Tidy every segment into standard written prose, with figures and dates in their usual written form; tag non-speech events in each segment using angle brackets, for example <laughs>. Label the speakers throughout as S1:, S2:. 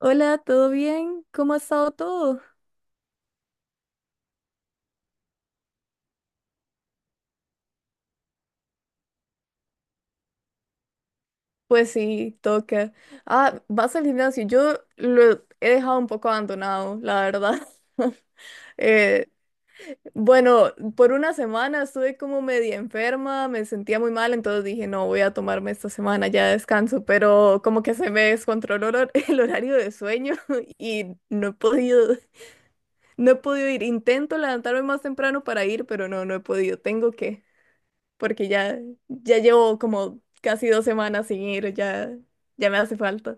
S1: Hola, ¿todo bien? ¿Cómo ha estado todo? Pues sí, toca. Ah, vas al gimnasio. Yo lo he dejado un poco abandonado, la verdad. <laughs> Eh, bueno, por una semana estuve como media enferma, me sentía muy mal, entonces dije, no, voy a tomarme esta semana ya de descanso, pero como que se me descontroló <laughs> el horario de sueño <laughs> y no he podido ir. Intento levantarme más temprano para ir, pero no, no he podido. Tengo que. Porque ya, ya llevo como casi dos semanas sin ir, ya, ya me hace falta.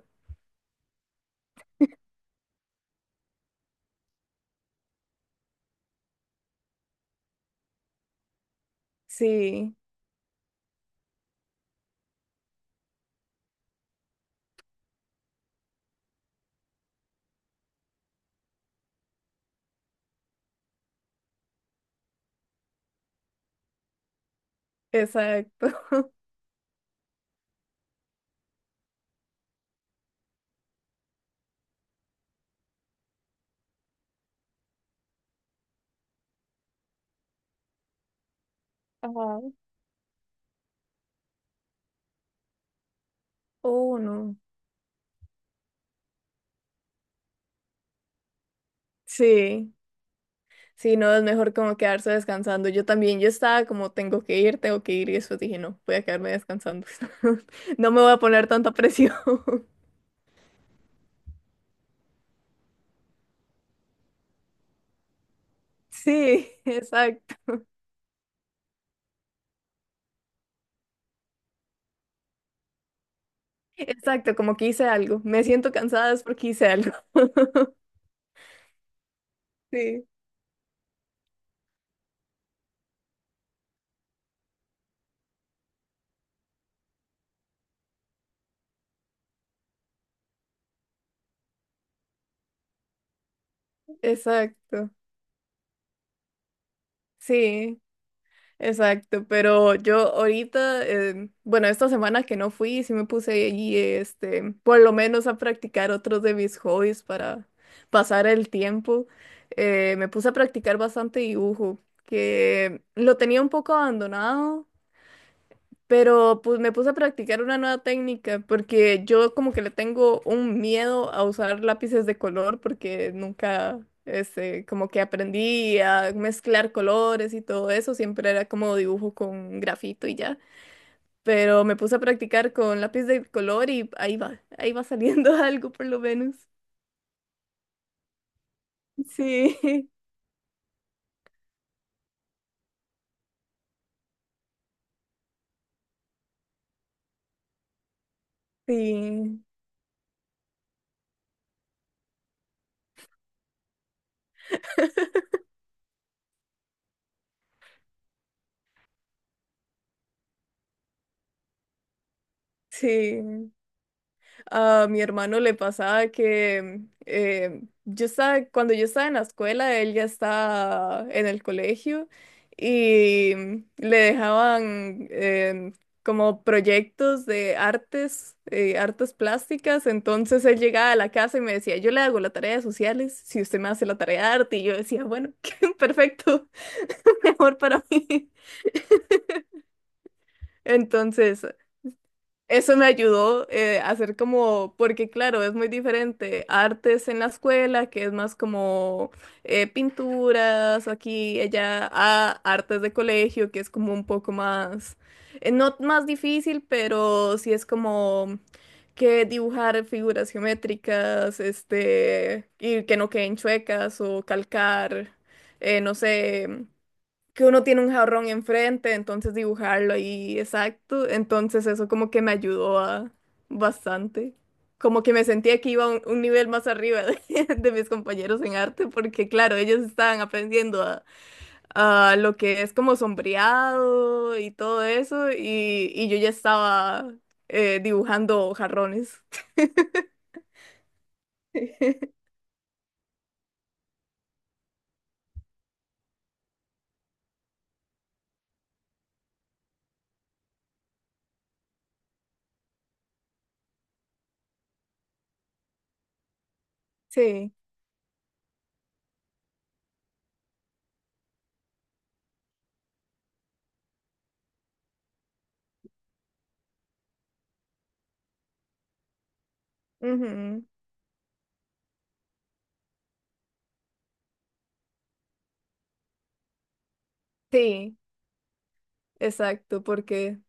S1: Sí, exacto. <laughs> Ajá. Oh, no. Sí, sí, no, es mejor como quedarse descansando. Yo también, yo estaba como tengo que ir, y después dije, no, voy a quedarme descansando. <laughs> No me voy a poner tanta presión. <laughs> Sí, exacto, exacto, como que hice algo. Me siento cansada es porque hice algo. <laughs> Sí, exacto. Sí. Exacto, pero yo ahorita, bueno, esta semana que no fui, sí me puse ahí, por lo menos a practicar otros de mis hobbies para pasar el tiempo. Me puse a practicar bastante dibujo, que lo tenía un poco abandonado, pero pues me puse a practicar una nueva técnica porque yo como que le tengo un miedo a usar lápices de color porque nunca, como que aprendí a mezclar colores y todo eso, siempre era como dibujo con grafito y ya. Pero me puse a practicar con lápiz de color y ahí va saliendo <laughs> algo por lo menos. Sí, <laughs> sí, sí. A mi hermano le pasaba que cuando yo estaba en la escuela, él ya estaba en el colegio y le dejaban como proyectos de artes, artes plásticas. Entonces él llegaba a la casa y me decía, yo le hago la tarea de sociales, si usted me hace la tarea de arte. Y yo decía, bueno, <laughs> perfecto, <laughs> mejor para mí. Entonces, eso me ayudó a hacer como, porque claro, es muy diferente. Artes en la escuela, que es más como pinturas, aquí, allá, a artes de colegio, que es como un poco más, no más difícil, pero sí es como que dibujar figuras geométricas, y que no queden chuecas o calcar, no sé, que uno tiene un jarrón enfrente, entonces dibujarlo ahí exacto. Entonces eso como que me ayudó a bastante. Como que me sentía que iba un nivel más arriba de, <laughs> de mis compañeros en arte, porque claro, ellos estaban aprendiendo a lo que es como sombreado y todo eso, y yo ya estaba dibujando jarrones. <laughs> Sí, ujú, sí, exacto, porque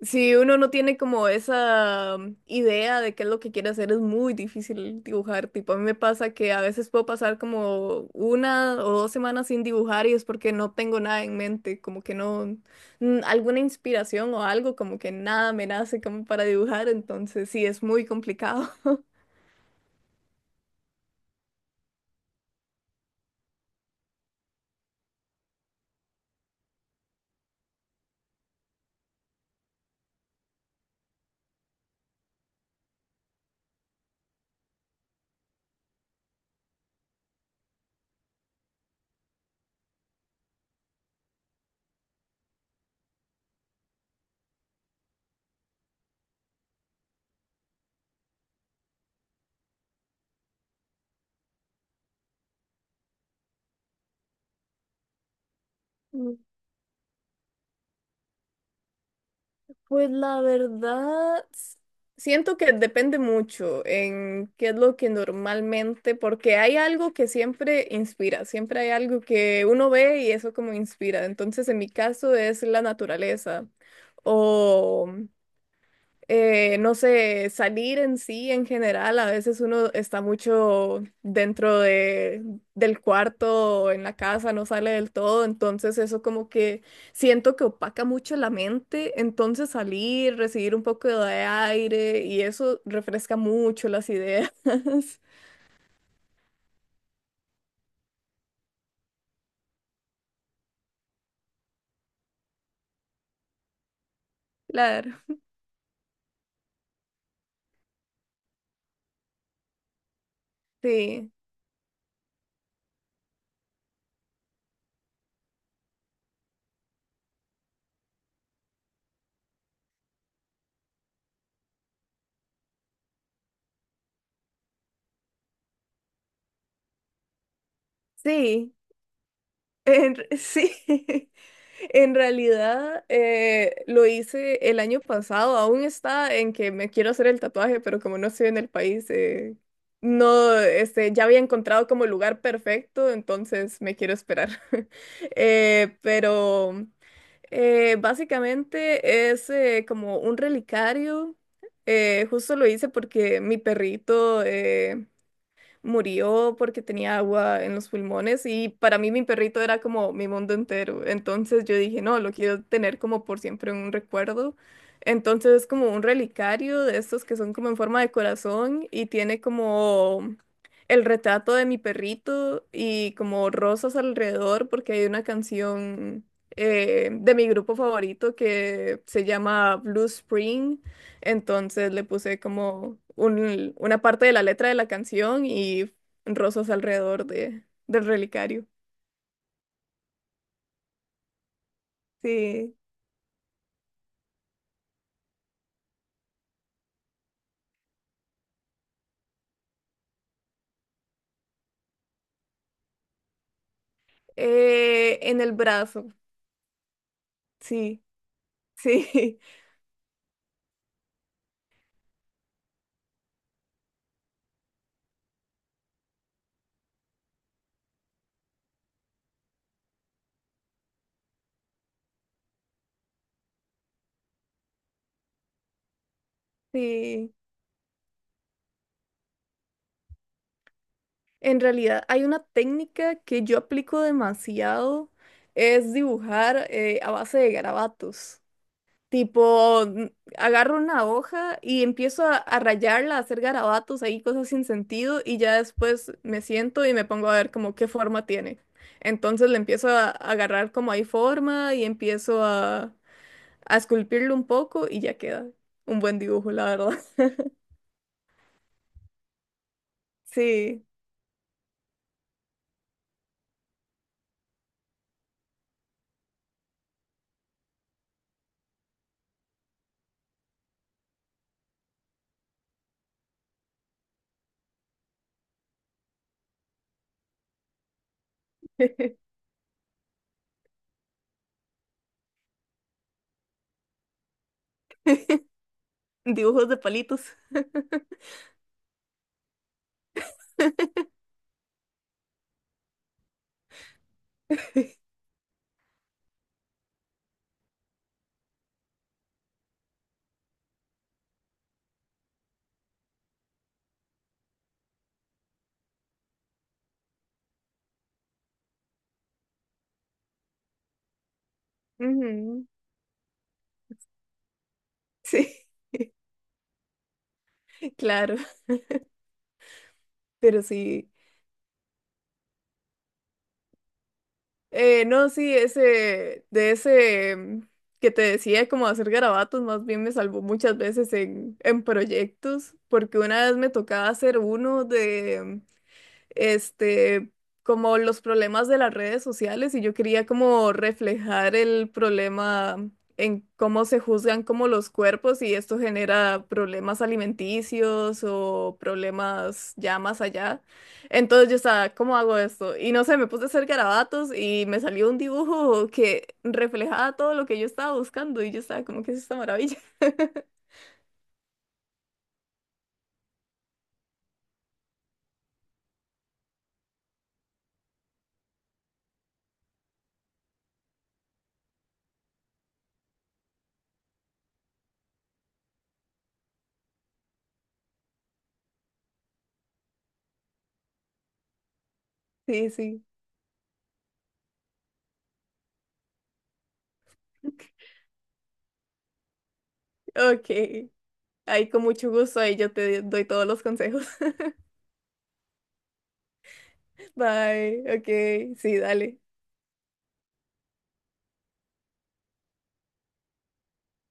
S1: si uno no tiene como esa idea de qué es lo que quiere hacer, es muy difícil dibujar. Tipo, a mí me pasa que a veces puedo pasar como una o dos semanas sin dibujar y es porque no tengo nada en mente, como que no, alguna inspiración o algo, como que nada me nace como para dibujar, entonces sí, es muy complicado. <laughs> Pues la verdad, siento que depende mucho en qué es lo que normalmente, porque hay algo que siempre inspira, siempre hay algo que uno ve y eso como inspira. Entonces, en mi caso es la naturaleza o no sé, salir en sí en general, a veces uno está mucho dentro del cuarto o en la casa, no sale del todo, entonces eso como que siento que opaca mucho la mente, entonces salir, recibir un poco de aire y eso refresca mucho las ideas. <laughs> Claro, sí, sí, sí. <laughs> En realidad lo hice el año pasado, aún está en que me quiero hacer el tatuaje, pero como no estoy en el país, no, ya había encontrado como el lugar perfecto, entonces me quiero esperar. <laughs> Pero básicamente es como un relicario, justo lo hice porque mi perrito murió porque tenía agua en los pulmones y para mí mi perrito era como mi mundo entero. Entonces yo dije, no, lo quiero tener como por siempre un recuerdo. Entonces es como un relicario de estos que son como en forma de corazón y tiene como el retrato de mi perrito y como rosas alrededor porque hay una canción de mi grupo favorito que se llama Blue Spring, entonces le puse como una parte de la letra de la canción y rosas alrededor del relicario. Sí. En el brazo. Sí, sí, <laughs> sí. En realidad hay una técnica que yo aplico demasiado, es dibujar a base de garabatos. Tipo, agarro una hoja y empiezo a rayarla, a hacer garabatos ahí, cosas sin sentido, y ya después me siento y me pongo a ver como qué forma tiene. Entonces le empiezo a agarrar como hay forma y empiezo a esculpirlo un poco y ya queda un buen dibujo, la verdad. <laughs> Sí, <laughs> dibujos de palitos. <laughs> Ujú, sí, <laughs> claro, pero sí. No, sí, de ese que te decía como hacer garabatos, más bien me salvó muchas veces en proyectos, porque una vez me tocaba hacer uno este, como los problemas de las redes sociales y yo quería como reflejar el problema en cómo se juzgan como los cuerpos y esto genera problemas alimenticios o problemas ya más allá. Entonces yo estaba, ¿cómo hago esto? Y no sé, me puse a hacer garabatos y me salió un dibujo que reflejaba todo lo que yo estaba buscando y yo estaba como que es esta maravilla. <laughs> Sí, sí. Ok. Ahí con mucho gusto, ahí yo te doy todos los consejos. Bye, ok, sí, dale.